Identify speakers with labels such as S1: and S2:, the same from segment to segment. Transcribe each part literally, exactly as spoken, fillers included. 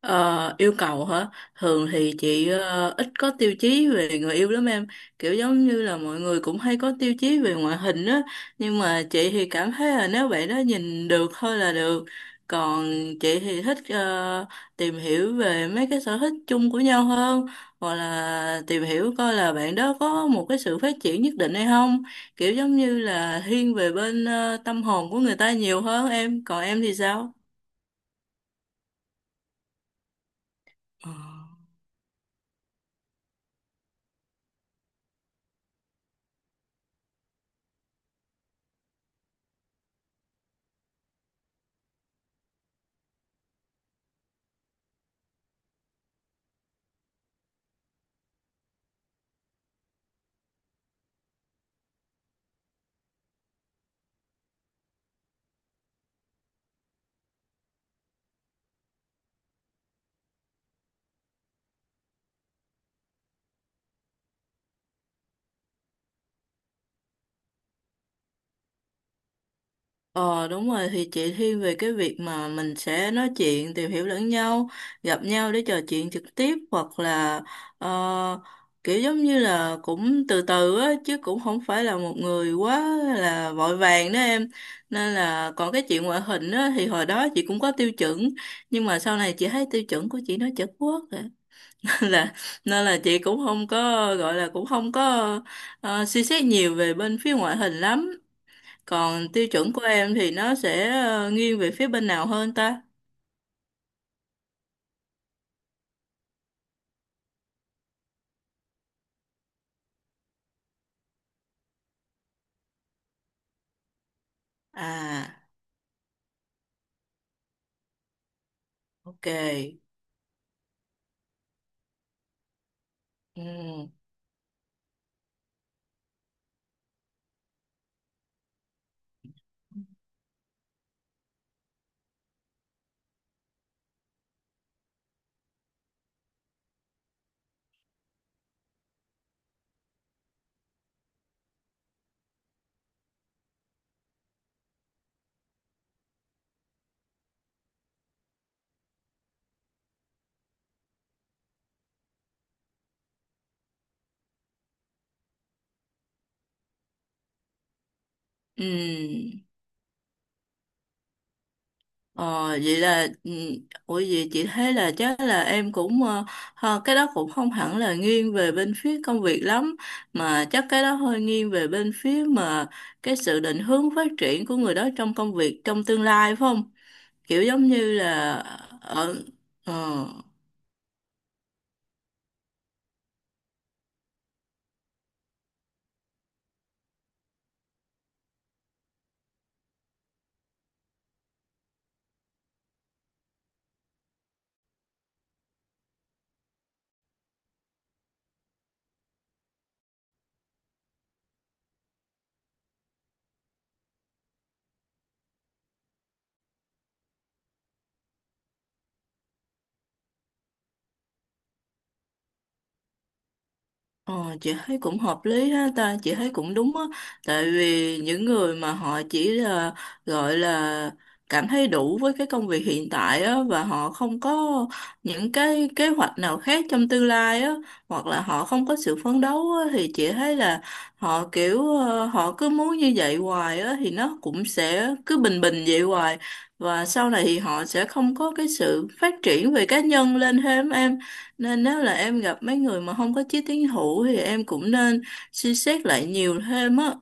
S1: Ờ, yêu cầu hả? Thường thì chị ờ, ít có tiêu chí về người yêu lắm em. Kiểu giống như là mọi người cũng hay có tiêu chí về ngoại hình á. Nhưng mà chị thì cảm thấy là nếu bạn đó nhìn được thôi là được. Còn chị thì thích ờ, tìm hiểu về mấy cái sở thích chung của nhau hơn. Hoặc là tìm hiểu coi là bạn đó có một cái sự phát triển nhất định hay không. Kiểu giống như là thiên về bên ờ, tâm hồn của người ta nhiều hơn em. Còn em thì sao? Ờ. Ờ, đúng rồi, thì chị thiên về cái việc mà mình sẽ nói chuyện tìm hiểu lẫn nhau, gặp nhau để trò chuyện trực tiếp, hoặc là ờ, kiểu giống như là cũng từ từ á, chứ cũng không phải là một người quá là vội vàng đó em. Nên là còn cái chuyện ngoại hình á, thì hồi đó chị cũng có tiêu chuẩn, nhưng mà sau này chị thấy tiêu chuẩn của chị nó chật quốc rồi là, nên là chị cũng không có, gọi là cũng không có ờ, suy xét nhiều về bên phía ngoại hình lắm. Còn tiêu chuẩn của em thì nó sẽ ờ, nghiêng về phía bên nào hơn ta? À, ok. Ừ. Ừ. Ờ, vậy là ừ. Ủa, vậy chị thấy là chắc là em cũng ờ, ờ, cái đó cũng không hẳn là nghiêng về bên phía công việc lắm, mà chắc cái đó hơi nghiêng về bên phía mà cái sự định hướng phát triển của người đó trong công việc trong tương lai, phải không? Kiểu giống như là. Ở ờ Ờ, chị thấy cũng hợp lý ha ta, chị thấy cũng đúng á. Tại vì những người mà họ chỉ là, gọi là, cảm thấy đủ với cái công việc hiện tại á, và họ không có những cái kế hoạch nào khác trong tương lai á, hoặc là họ không có sự phấn đấu á, thì chị thấy là họ kiểu ờ, họ cứ muốn như vậy hoài á, thì nó cũng sẽ cứ bình bình vậy hoài, và sau này thì họ sẽ không có cái sự phát triển về cá nhân lên thêm em. Nên nếu là em gặp mấy người mà không có chí tiến thủ thì em cũng nên suy xét lại nhiều thêm á.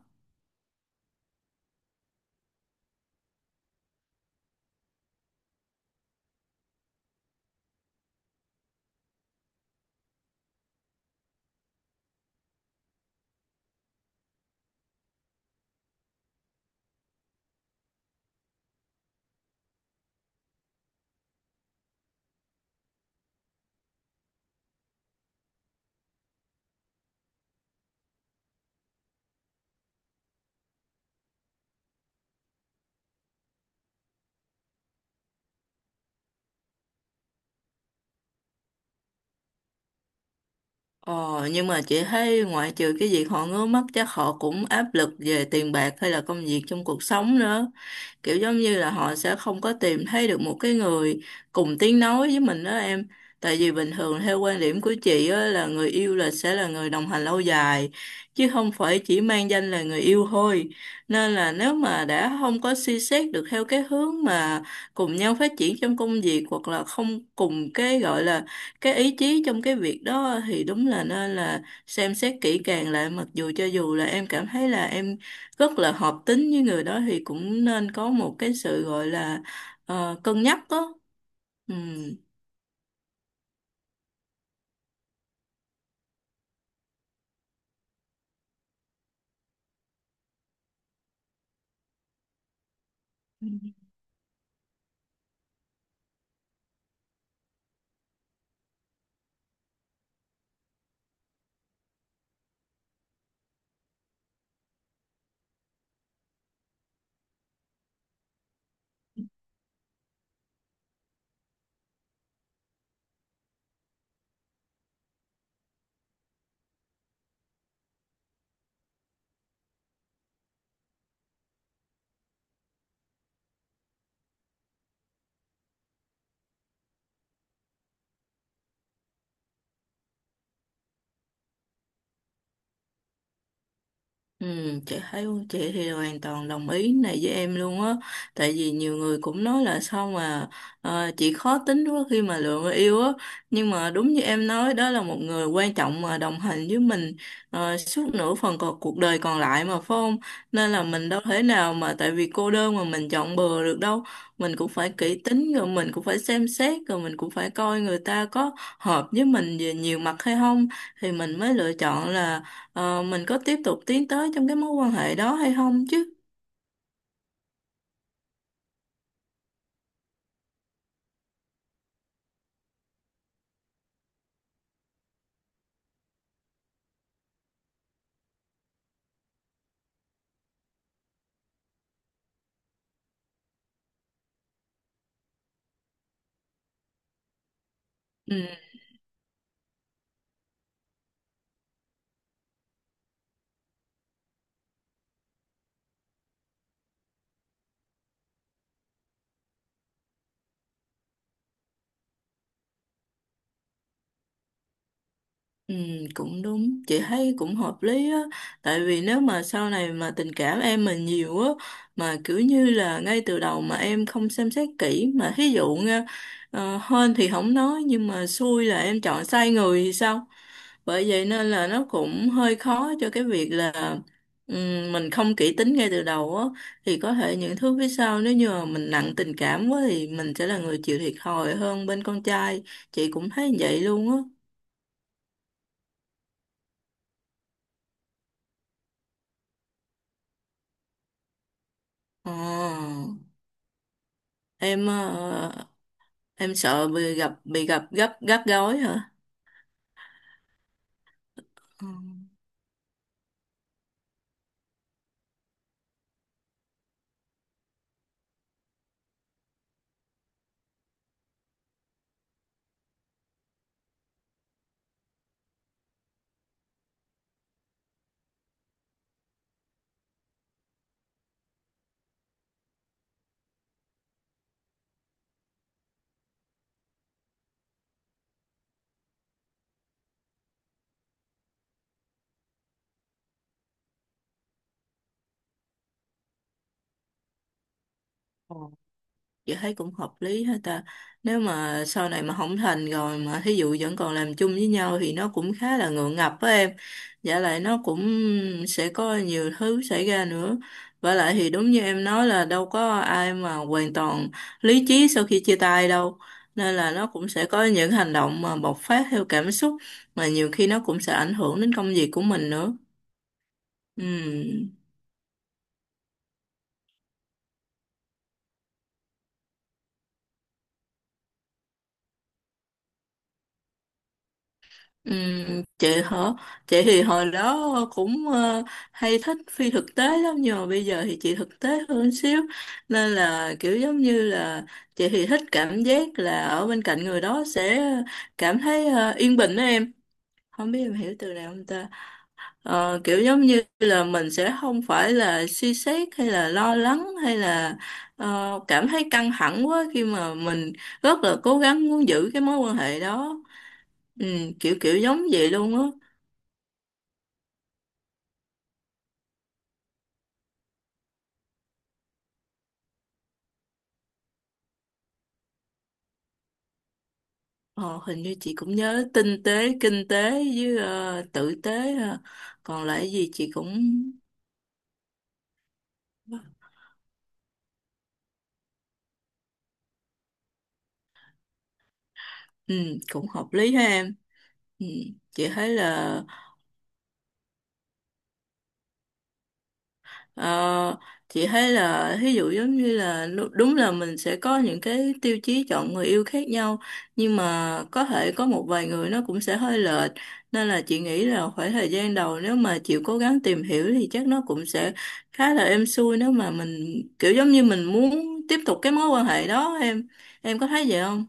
S1: Ờ, nhưng mà chị thấy ngoại trừ cái việc họ ngứa mắt, chắc họ cũng áp lực về tiền bạc hay là công việc trong cuộc sống nữa. Kiểu giống như là họ sẽ không có tìm thấy được một cái người cùng tiếng nói với mình đó em. Tại vì bình thường theo quan điểm của chị á, là người yêu là sẽ là người đồng hành lâu dài, chứ không phải chỉ mang danh là người yêu thôi. Nên là nếu mà đã không có suy xét được theo cái hướng mà cùng nhau phát triển trong công việc, hoặc là không cùng cái gọi là cái ý chí trong cái việc đó, thì đúng là nên là xem xét kỹ càng lại, mặc dù cho dù là em cảm thấy là em rất là hợp tính với người đó, thì cũng nên có một cái sự gọi là ờ, cân nhắc đó. Ừ. Ừ, chị thấy chị thì hoàn toàn đồng ý này với em luôn á. Tại vì nhiều người cũng nói là sao mà ờ, chị khó tính quá khi mà lựa người yêu á, nhưng mà đúng như em nói, đó là một người quan trọng mà đồng hành với mình ờ, suốt nửa phần còn cuộc đời còn lại mà, phải không? Nên là mình đâu thể nào mà tại vì cô đơn mà mình chọn bừa được đâu. Mình cũng phải kỹ tính, rồi mình cũng phải xem xét, rồi mình cũng phải coi người ta có hợp với mình về nhiều mặt hay không, thì mình mới lựa chọn là ờ, mình có tiếp tục tiến tới trong cái mối quan hệ đó hay không chứ. Ừ. Ừ, cũng đúng, chị thấy cũng hợp lý á. Tại vì nếu mà sau này mà tình cảm em mà nhiều á, mà kiểu như là ngay từ đầu mà em không xem xét kỹ, mà thí dụ nha, ờ, hên thì không nói, nhưng mà xui là em chọn sai người thì sao? Bởi vậy nên là nó cũng hơi khó cho cái việc là ừm, mình không kỹ tính ngay từ đầu á, thì có thể những thứ phía sau, nếu như mà mình nặng tình cảm quá, thì mình sẽ là người chịu thiệt thòi hơn bên con trai. Chị cũng thấy vậy luôn á. Ờ, em ờ, em sợ bị gặp bị gặp gấp gắt gối hả? Ừ. Ờ. Chị thấy cũng hợp lý hết ta. Nếu mà sau này mà không thành rồi mà thí dụ vẫn còn làm chung với nhau thì nó cũng khá là ngượng ngập với em. Dạ, lại nó cũng sẽ có nhiều thứ xảy ra nữa, và lại thì đúng như em nói, là đâu có ai mà hoàn toàn lý trí sau khi chia tay đâu. Nên là nó cũng sẽ có những hành động mà bộc phát theo cảm xúc, mà nhiều khi nó cũng sẽ ảnh hưởng đến công việc của mình nữa. Ừ. Ừ, chị hả? Chị thì hồi đó cũng ờ, hay thích phi thực tế lắm, nhưng mà bây giờ thì chị thực tế hơn xíu. Nên là kiểu giống như là chị thì thích cảm giác là ở bên cạnh người đó sẽ cảm thấy ờ, yên bình đó em. Không biết em hiểu từ nào không ta? Ờ, kiểu giống như là mình sẽ không phải là suy xét, hay là lo lắng, hay là ờ, cảm thấy căng thẳng quá khi mà mình rất là cố gắng muốn giữ cái mối quan hệ đó. Ừ, kiểu kiểu giống vậy luôn á. Ờ, hình như chị cũng nhớ tinh tế, kinh tế với ờ, tử tế ha. Còn lại gì chị cũng ừ, cũng hợp lý ha em. Ừ, chị thấy là Ờ, chị thấy là, ví dụ giống như là nu- đúng là mình sẽ có những cái tiêu chí chọn người yêu khác nhau, nhưng mà có thể có một vài người nó cũng sẽ hơi lệch. Nên là chị nghĩ là khoảng thời gian đầu nếu mà chịu cố gắng tìm hiểu thì chắc nó cũng sẽ khá là êm xuôi, nếu mà mình kiểu giống như mình muốn tiếp tục cái mối quan hệ đó em. Em có thấy vậy không?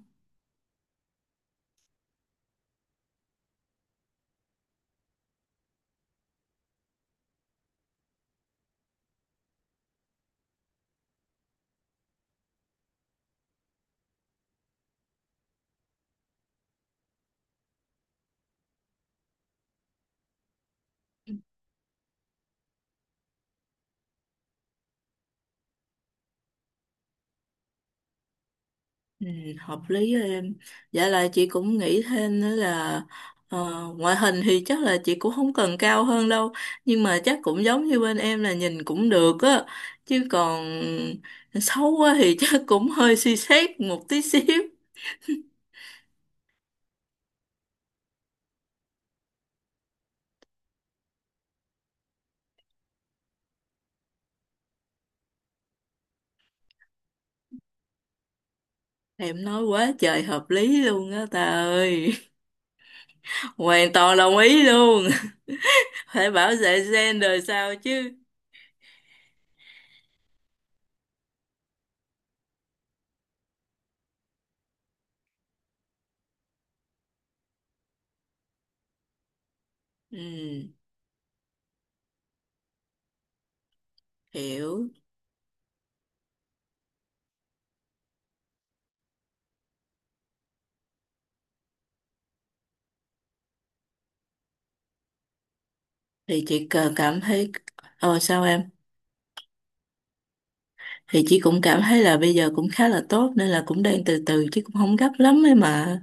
S1: Ừ, hợp lý đó em. Dạ, là chị cũng nghĩ thêm nữa là ờ, ngoại hình thì chắc là chị cũng không cần cao hơn đâu, nhưng mà chắc cũng giống như bên em, là nhìn cũng được á, chứ còn xấu quá thì chắc cũng hơi suy xét một tí xíu. Em nói quá trời hợp lý luôn á ta ơi. Hoàn toàn đồng ý luôn. Phải bảo vệ gen đời sao chứ. Ừ, hiểu. Thì chị cần cảm thấy. Ờ sao em? Thì chị cũng cảm thấy là bây giờ cũng khá là tốt, nên là cũng đang từ từ, chứ cũng không gấp lắm ấy mà.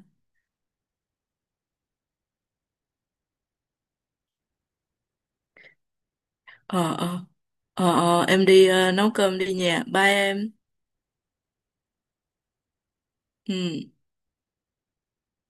S1: Ờ, ờ. Ờ, ờ, em đi ờ, nấu cơm đi nha, bye em. Ừ.